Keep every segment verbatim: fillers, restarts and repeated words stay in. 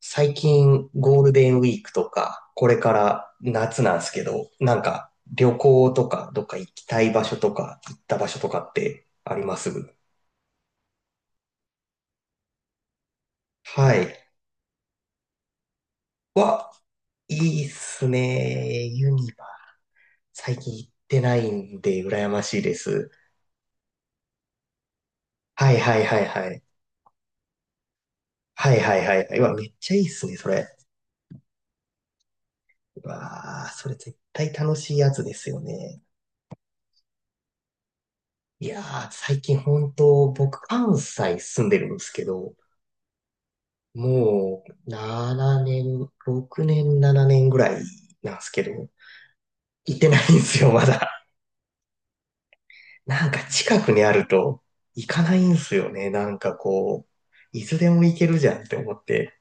最近ゴールデンウィークとか、これから夏なんですけど、なんか旅行とか、どっか行きたい場所とか、行った場所とかってあります？はい。わ、いいっすね。ユニバ。最近行ってないんで、羨ましいです。はいはいはいはい。はいはいはいはい。うわ、めっちゃいいっすね、それ。うわー、それ絶対楽しいやつですよね。いやー、最近本当、僕、関西住んでるんですけど、もう、ななねん、ろくねん、ななねんぐらいなんですけど、行ってないんですよ、まだ。なんか近くにあると、行かないんですよね。なんかこう、いつでも行けるじゃんって思って。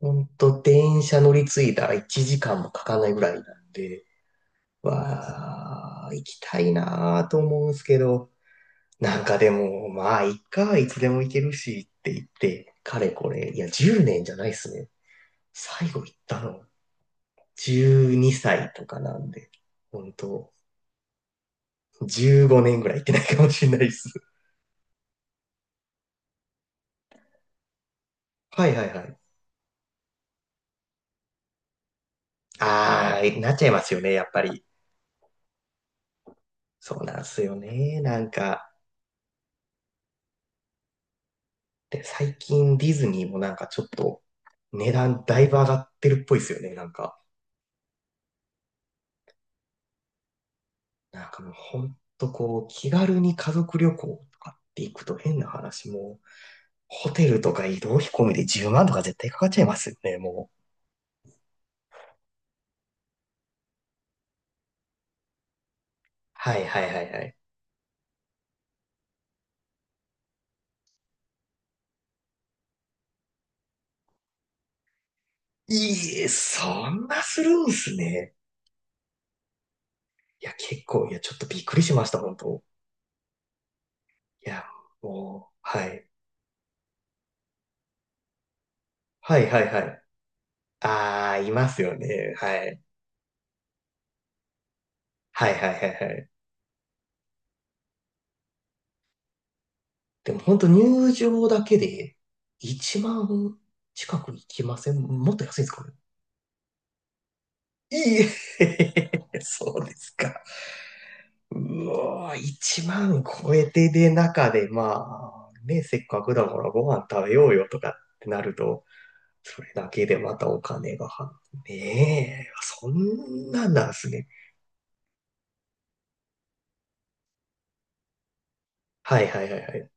ほんと、電車乗り継いだいちじかんもかかないぐらいなんで、わー、行きたいなーと思うんですけど、なんかでも、まあ、いっか、いつでも行けるしって言って、かれこれ、いや、じゅうねんじゃないっすね。最後行ったの、じゅうにさいとかなんで、本当じゅうごねんぐらい行ってないかもしれないです。はいはいはい。ああ、なっちゃいますよね、やっぱり。そうなんすよね。なんか、で、最近ディズニーもなんかちょっと値段だいぶ上がってるっぽいですよね、なんか。なんかもうほんとこう、気軽に家族旅行とかって行くと変な話も、ホテルとか移動費込みでじゅうまんとか絶対かかっちゃいますよね、もう。はいはいはいはい。いいえ、そんなするんすね。いや、結構、いや、ちょっとびっくりしました、本当。いや、もう、はい。はいはいはい。ああ、いますよね。はい。はいはいはいはい。でも本当入場だけでいちまん近くいきません？もっと安いんですかね。いいえ。 そうですか。うわー、いちまん超えてで中で、まあ、ね、せっかくだからご飯食べようよとかってなると、それだけでまたお金がは、ねえ、そんなんなんすね。はいはいはいはい。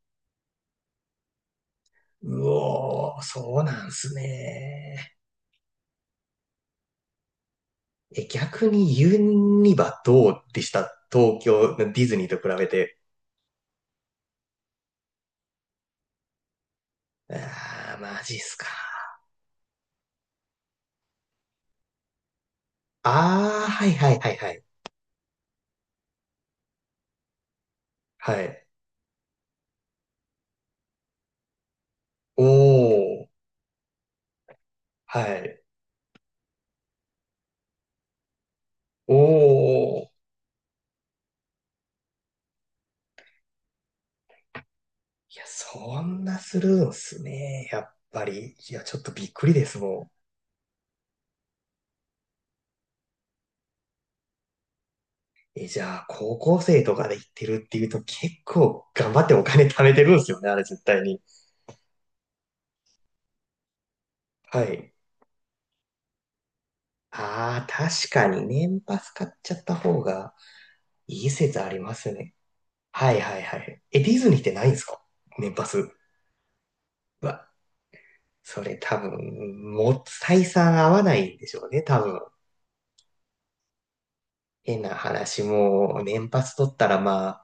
うおー、そうなんすね。え、逆にユニバどうでした？東京、ディズニーと比べて。あー、マジっすか。あー、はいはいはいはい。はい。おー、はい。おー。いや、そんなするんすね。やっぱり。いや、ちょっとびっくりですもん。え、じゃあ、高校生とかで行ってるっていうと結構頑張ってお金貯めてるんすよね、あれ絶対に。はい。ああ、確かに年パス買っちゃった方がいい説ありますね。はいはいはい。え、ディズニーってないんですか？年パス。うわ、それ多分、もう採算合わないんでしょうね、多分。変な話も、年パス取ったらまあ、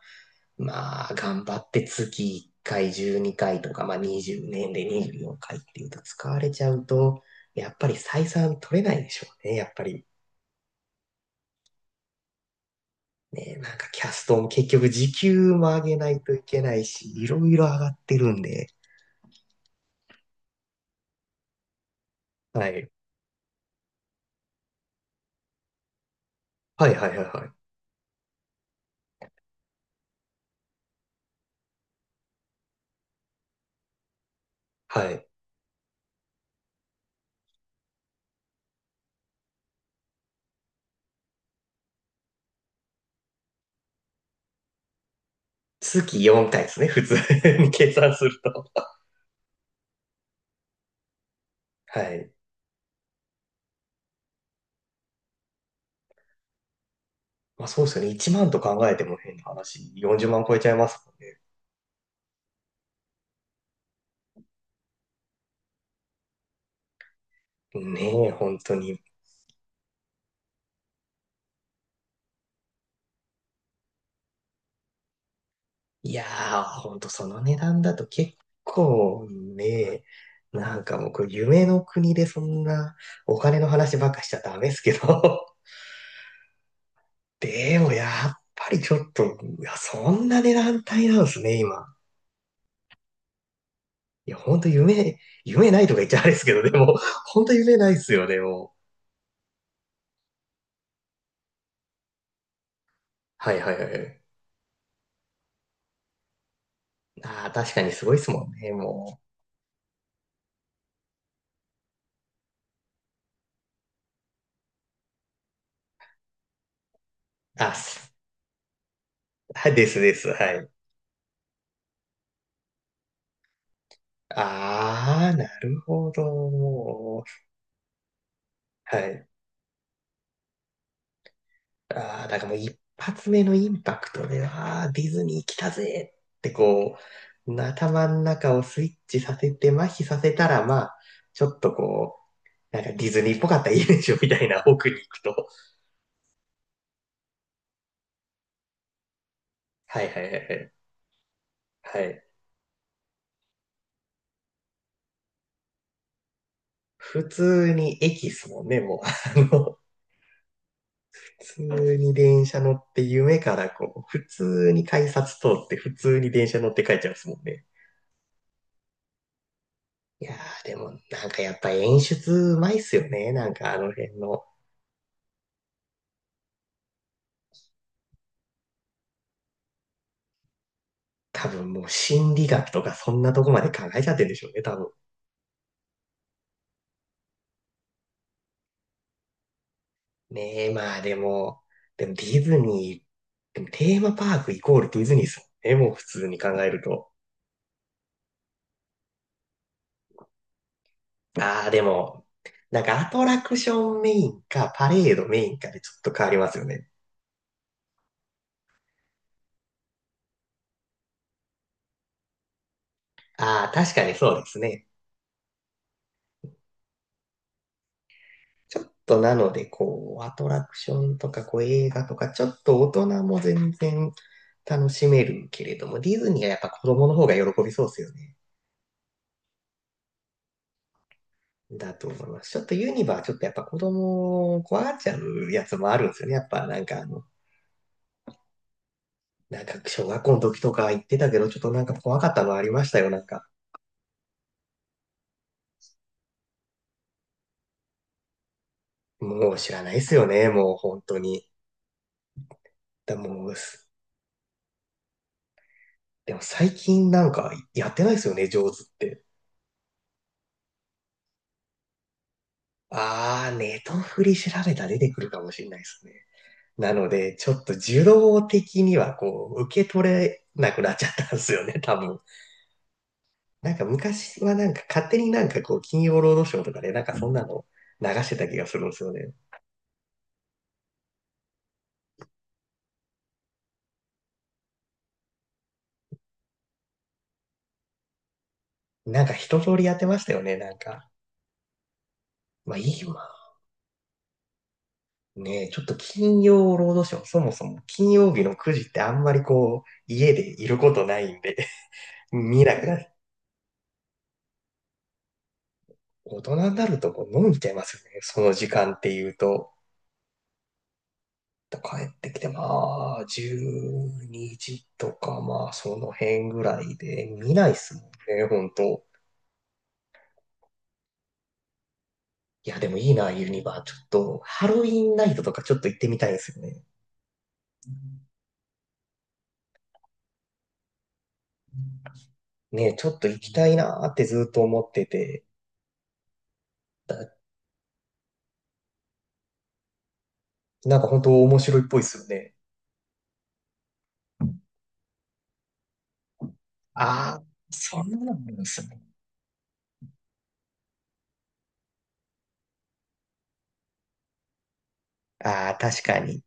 まあ、頑張って月いっかいじゅうにかいとか、まあにじゅうねんでにじゅうよんかいっていうと使われちゃうと、やっぱり採算取れないでしょうね、やっぱり。ね、なんかキャストも結局時給も上げないといけないし、いろいろ上がってるんで。はい。はいはいはいはい。はい。月よんかいですね、普通に 計算すると。はい。まあそうですよね。いちまんと考えても変な話、よんじゅうまん超えちゃいますもんね。ねえ、本当に。いやー、本当その値段だと結構ね、なんかもうこれ夢の国でそんなお金の話ばっかしちゃダメですけど。でもやっぱりちょっと、いやそんな値段帯なんですね、今。いや、ほんと夢、夢ないとか言っちゃあれですけど、でも、ほんと夢ないっすよね、もう。はいはいはい。ああ、確かにすごいっすもんね、もう。あ、すはい、ですです、はい。ああ、なるほど、もう。はい。ああ、だからもう一発目のインパクトで、ああ、ディズニー来たぜってこう、頭の中をスイッチさせて、麻痺させたら、まあ、ちょっとこう、なんかディズニーっぽかったらいいでしょみたいな奥に行くと。はいはいはいはい。はい。普通に駅っすもんね、もう。あの、普通に電車乗って夢からこう、普通に改札通って普通に電車乗って帰っちゃうんですもんね。いやー、でもなんかやっぱ演出うまいっすよね。なんかあの辺の。多分もう心理学とかそんなとこまで考えちゃってるんでしょうね、多分。ねえ、まあでも、でもディズニー、でもテーマパークイコールディズニーっすもんね、もう普通に考えると。ああ、でも、なんかアトラクションメインかパレードメインかでちょっと変わりますよね。ああ、確かにそうですね。ちょっとなので、こう、アトラクションとか、こう、映画とか、ちょっと大人も全然楽しめるけれども、ディズニーはやっぱ子供の方が喜びそうですよね。だと思います。ちょっとユニバーちょっとやっぱ子供を怖がっちゃうやつもあるんですよね。やっぱなんかあの、なんか小学校の時とか行ってたけど、ちょっとなんか怖かったのありましたよ。なんか、もう知らないですよね。もう本当に。でもう、すでも最近なんかやってないですよね、上手って。あー、ネトフリ調べたら出てくるかもしれないですね。なので、ちょっと受動的にはこう、受け取れなくなっちゃったんですよね、多分。なんか昔はなんか勝手になんかこう、金曜ロードショーとかでなんかそんなの流してた気がするんですよね。なんか一通りやってましたよね、なんか。まあ今ね、ちょっと金曜ロードショー、そもそも金曜日のくじってあんまりこう、家でいることないんで、見なくなっ大人になるとこう飲んじゃいますよね。その時間っていうと。帰ってきて、まあ、じゅうにじとか、まあ、その辺ぐらいで、見ないっすもんね、ほんと。いや、でもいいな、ユニバー。ちょっと、ハロウィンナイトとかちょっと行ってみたいんですよね。ねえ、ちょっと行きたいなーってずっと思ってて、なんかほんと面白いっぽいっすよね。ああ、そんなのもあるんですね。ああ、確かに。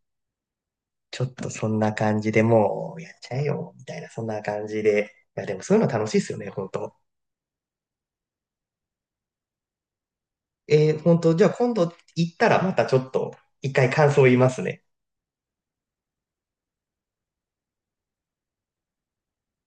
ちょっとそんな感じでもうやっちゃえよ、みたいな、そんな感じで。いや、でもそういうの楽しいっすよね、本当。えー、本当、じゃあ今度行ったらまたちょっと一回感想言いますね。